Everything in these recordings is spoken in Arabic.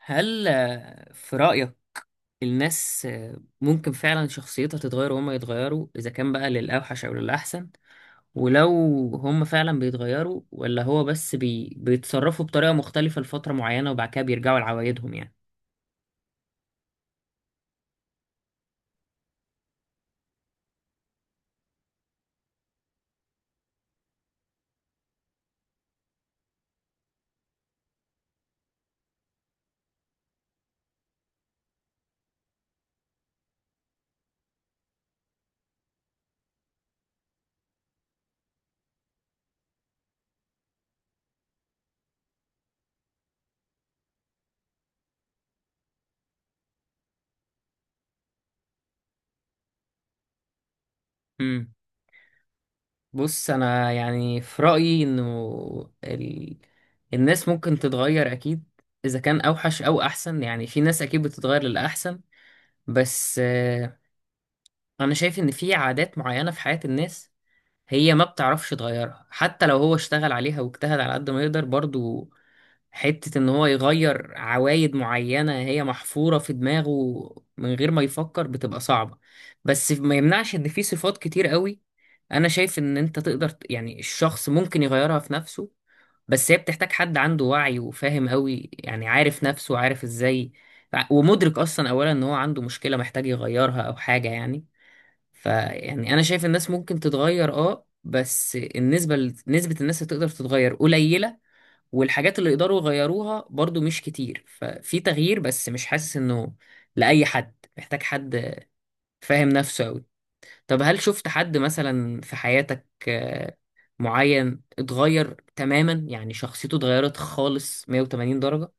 هل في رأيك الناس ممكن فعلا شخصيتها تتغير وهم يتغيروا، إذا كان بقى للأوحش أو للأحسن؟ ولو هم فعلا بيتغيروا، ولا هو بس بيتصرفوا بطريقة مختلفة لفترة معينة وبعد كده بيرجعوا لعوايدهم، يعني؟ امم بص، أنا يعني في رأيي إنه ال... الناس ممكن تتغير أكيد. إذا كان أوحش أو أحسن، يعني في ناس أكيد بتتغير للأحسن. بس أنا شايف إن في عادات معينة في حياة الناس هي ما بتعرفش تغيرها، حتى لو هو اشتغل عليها واجتهد على قد ما يقدر برضو. حتة ان هو يغير عوايد معينة هي محفورة في دماغه من غير ما يفكر بتبقى صعبة. بس ما يمنعش ان في صفات كتير قوي، انا شايف ان انت تقدر يعني الشخص ممكن يغيرها في نفسه، بس هي بتحتاج حد عنده وعي وفاهم قوي، يعني عارف نفسه وعارف ازاي، ومدرك اصلا اولا ان هو عنده مشكلة محتاج يغيرها او حاجة يعني. فيعني انا شايف الناس ممكن تتغير، اه بس النسبه نسبه الناس اللي تقدر تتغير قليله، والحاجات اللي يقدروا يغيروها برضو مش كتير. ففي تغيير، بس مش حاسس انه لاي حد، محتاج حد فاهم نفسه قوي. طب هل شفت حد مثلا في حياتك معين اتغير تماما، يعني شخصيته اتغيرت خالص 180 درجة؟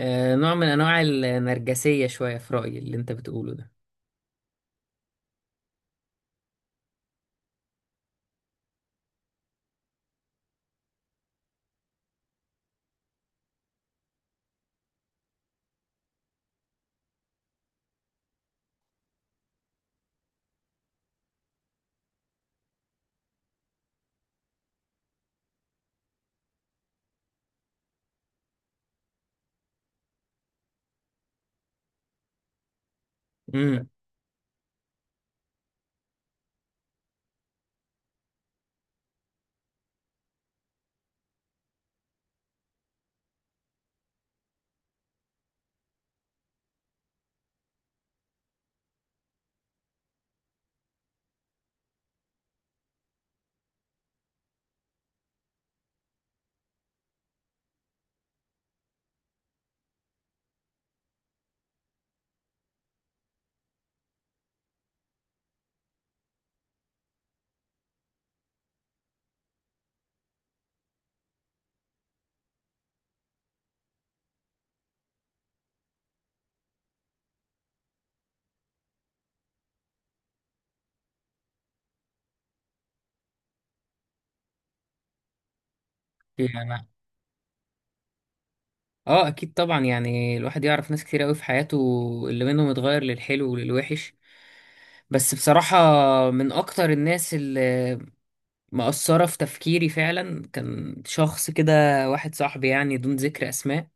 آه، نوع من انواع النرجسية شوية في رأيي اللي انت بتقوله ده. امم اه اكيد طبعا، يعني الواحد يعرف ناس كتير قوي في حياته اللي منهم اتغير للحلو وللوحش. بس بصراحة، من اكتر الناس اللي مأثرة في تفكيري فعلا كان شخص كده، واحد صاحبي يعني دون ذكر اسماء.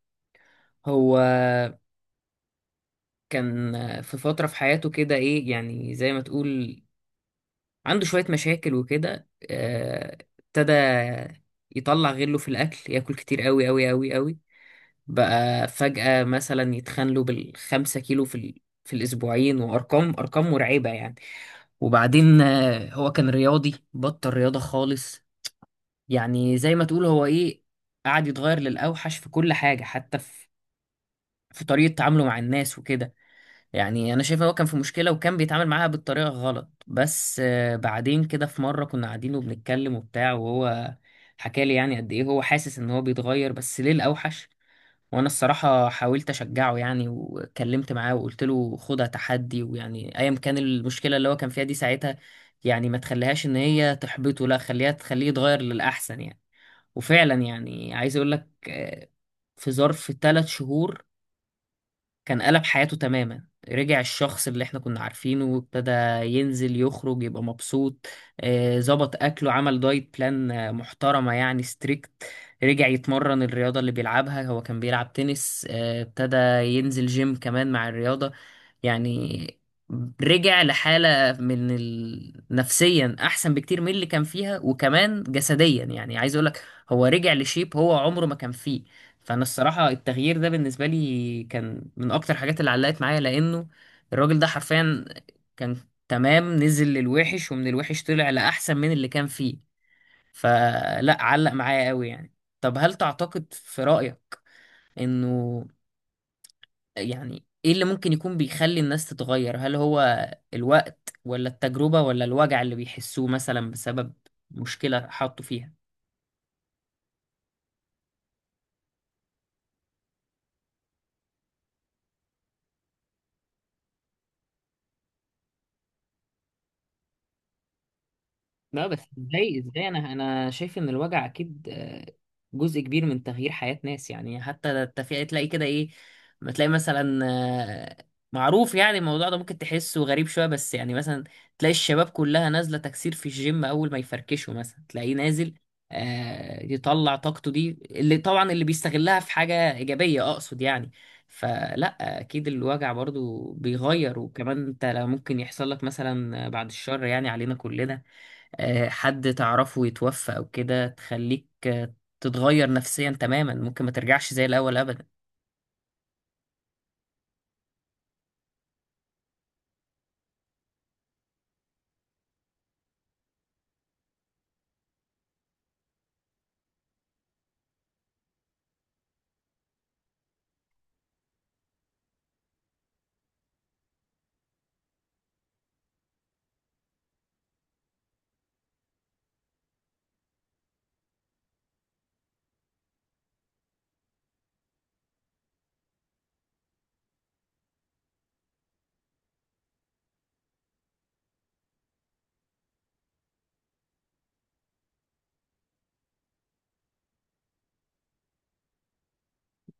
هو كان في فترة في حياته كده ايه، يعني زي ما تقول عنده شوية مشاكل وكده. ابتدى يطلع غله في الاكل، ياكل كتير قوي قوي قوي قوي. بقى فجأة مثلا يتخانلوا بالخمسة كيلو في الأسبوعين، وأرقام أرقام مرعبة يعني. وبعدين هو كان رياضي بطل رياضة خالص، يعني زي ما تقول هو إيه. قعد يتغير للأوحش في كل حاجة، حتى في في طريقة تعامله مع الناس وكده. يعني أنا شايف إن هو كان في مشكلة وكان بيتعامل معاها بالطريقة غلط. بس بعدين كده في مرة كنا قاعدين وبنتكلم وبتاع، وهو حكالي يعني قد إيه هو حاسس إن هو بيتغير بس ليه الأوحش. وانا الصراحه حاولت اشجعه يعني، وكلمت معاه وقلت له خدها تحدي، ويعني ايا كان المشكله اللي هو كان فيها دي ساعتها، يعني ما تخليهاش ان هي تحبطه، لا خليها تخليه يتغير للاحسن يعني. وفعلا يعني عايز اقول لك، في ظرف 3 شهور كان قلب حياته تماما. رجع الشخص اللي احنا كنا عارفينه، وابتدى ينزل يخرج يبقى مبسوط. ظبط اكله، عمل دايت بلان محترمة يعني ستريكت. رجع يتمرن الرياضة اللي بيلعبها، هو كان بيلعب تنس. ابتدى ينزل جيم كمان مع الرياضة. يعني رجع لحالة من نفسيا احسن بكتير من اللي كان فيها، وكمان جسديا. يعني عايز اقولك هو رجع لشيب هو عمره ما كان فيه. فانا الصراحه التغيير ده بالنسبه لي كان من اكتر الحاجات اللي علقت معايا، لانه الراجل ده حرفيا كان تمام، نزل للوحش ومن الوحش طلع لاحسن من اللي كان فيه. فلا علق معايا قوي يعني. طب هل تعتقد في رايك انه، يعني ايه اللي ممكن يكون بيخلي الناس تتغير؟ هل هو الوقت، ولا التجربه، ولا الوجع اللي بيحسوه مثلا بسبب مشكله حطوا فيها؟ لا بس ازاي، انا انا شايف ان الوجع اكيد جزء كبير من تغيير حياة ناس، يعني حتى التفريق تلاقي كده ايه، ما تلاقي مثلا معروف يعني الموضوع ده ممكن تحسه غريب شوية، بس يعني مثلا تلاقي الشباب كلها نازلة تكسير في الجيم اول ما يفركشوا، مثلا تلاقيه نازل يطلع طاقته دي، اللي طبعا اللي بيستغلها في حاجة إيجابية أقصد يعني. فلا أكيد الوجع برضو بيغير. وكمان أنت لا ممكن يحصل لك مثلا بعد الشر يعني علينا كلنا، حد تعرفه يتوفى او كده تخليك تتغير نفسيا تماما، ممكن ما ترجعش زي الاول ابدا.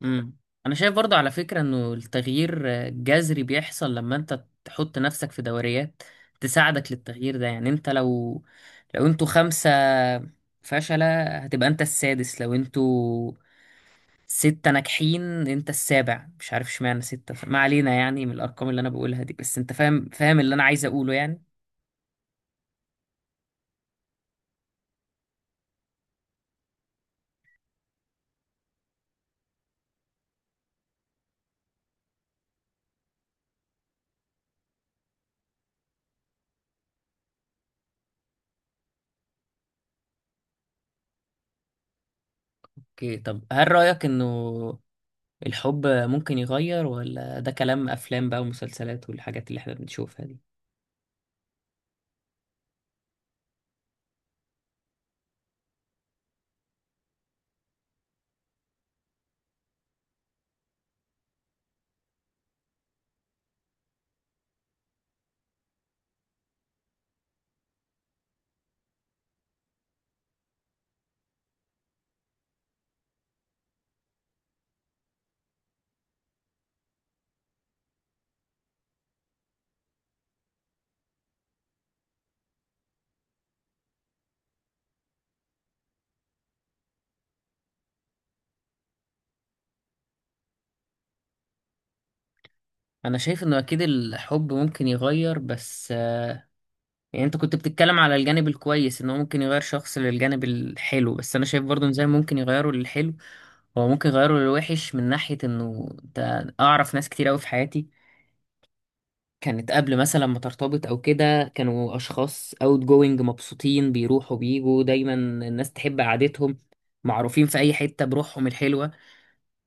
امم انا شايف برضو على فكرة انه التغيير جذري بيحصل لما انت تحط نفسك في دوريات تساعدك للتغيير ده. يعني انت لو لو انتوا خمسة فشلة هتبقى انت السادس، لو انتوا ستة ناجحين انت السابع. مش عارف اشمعنى ستة، ما علينا يعني من الارقام اللي انا بقولها دي، بس انت فاهم اللي انا عايز اقوله يعني. اوكي، طب هل رأيك انه الحب ممكن يغير، ولا ده كلام افلام بقى ومسلسلات والحاجات اللي احنا بنشوفها دي؟ انا شايف انه اكيد الحب ممكن يغير، بس يعني انت كنت بتتكلم على الجانب الكويس، انه ممكن يغير شخص للجانب الحلو، بس انا شايف برضه إن زي ما ممكن يغيره للحلو هو ممكن يغيره للوحش. من ناحية انه انت اعرف ناس كتير قوي في حياتي كانت قبل مثلا ما ترتبط او كده، كانوا اشخاص اوت جوينج مبسوطين بيروحوا بيجوا، دايما الناس تحب قعدتهم، معروفين في اي حتة بروحهم الحلوة.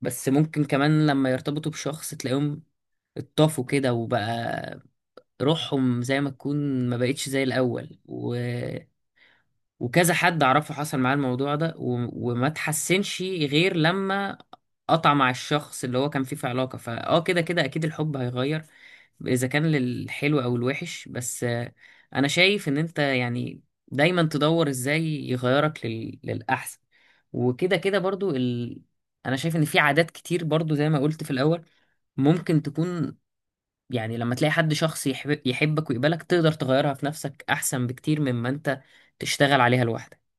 بس ممكن كمان لما يرتبطوا بشخص تلاقيهم اتطافوا كده، وبقى روحهم زي ما تكون ما بقتش زي الأول. وكذا حد اعرفه حصل معاه الموضوع ده، وما تحسنش غير لما قطع مع الشخص اللي هو كان فيه في علاقة. فاه كده كده اكيد الحب هيغير، اذا كان للحلو او الوحش. بس انا شايف ان انت يعني دايما تدور ازاي يغيرك للاحسن. وكده كده برضو انا شايف ان في عادات كتير برضو زي ما قلت في الاول ممكن تكون، يعني لما تلاقي حد شخص يحبك ويقبلك تقدر تغيرها في نفسك احسن بكتير مما انت تشتغل عليها لوحدك.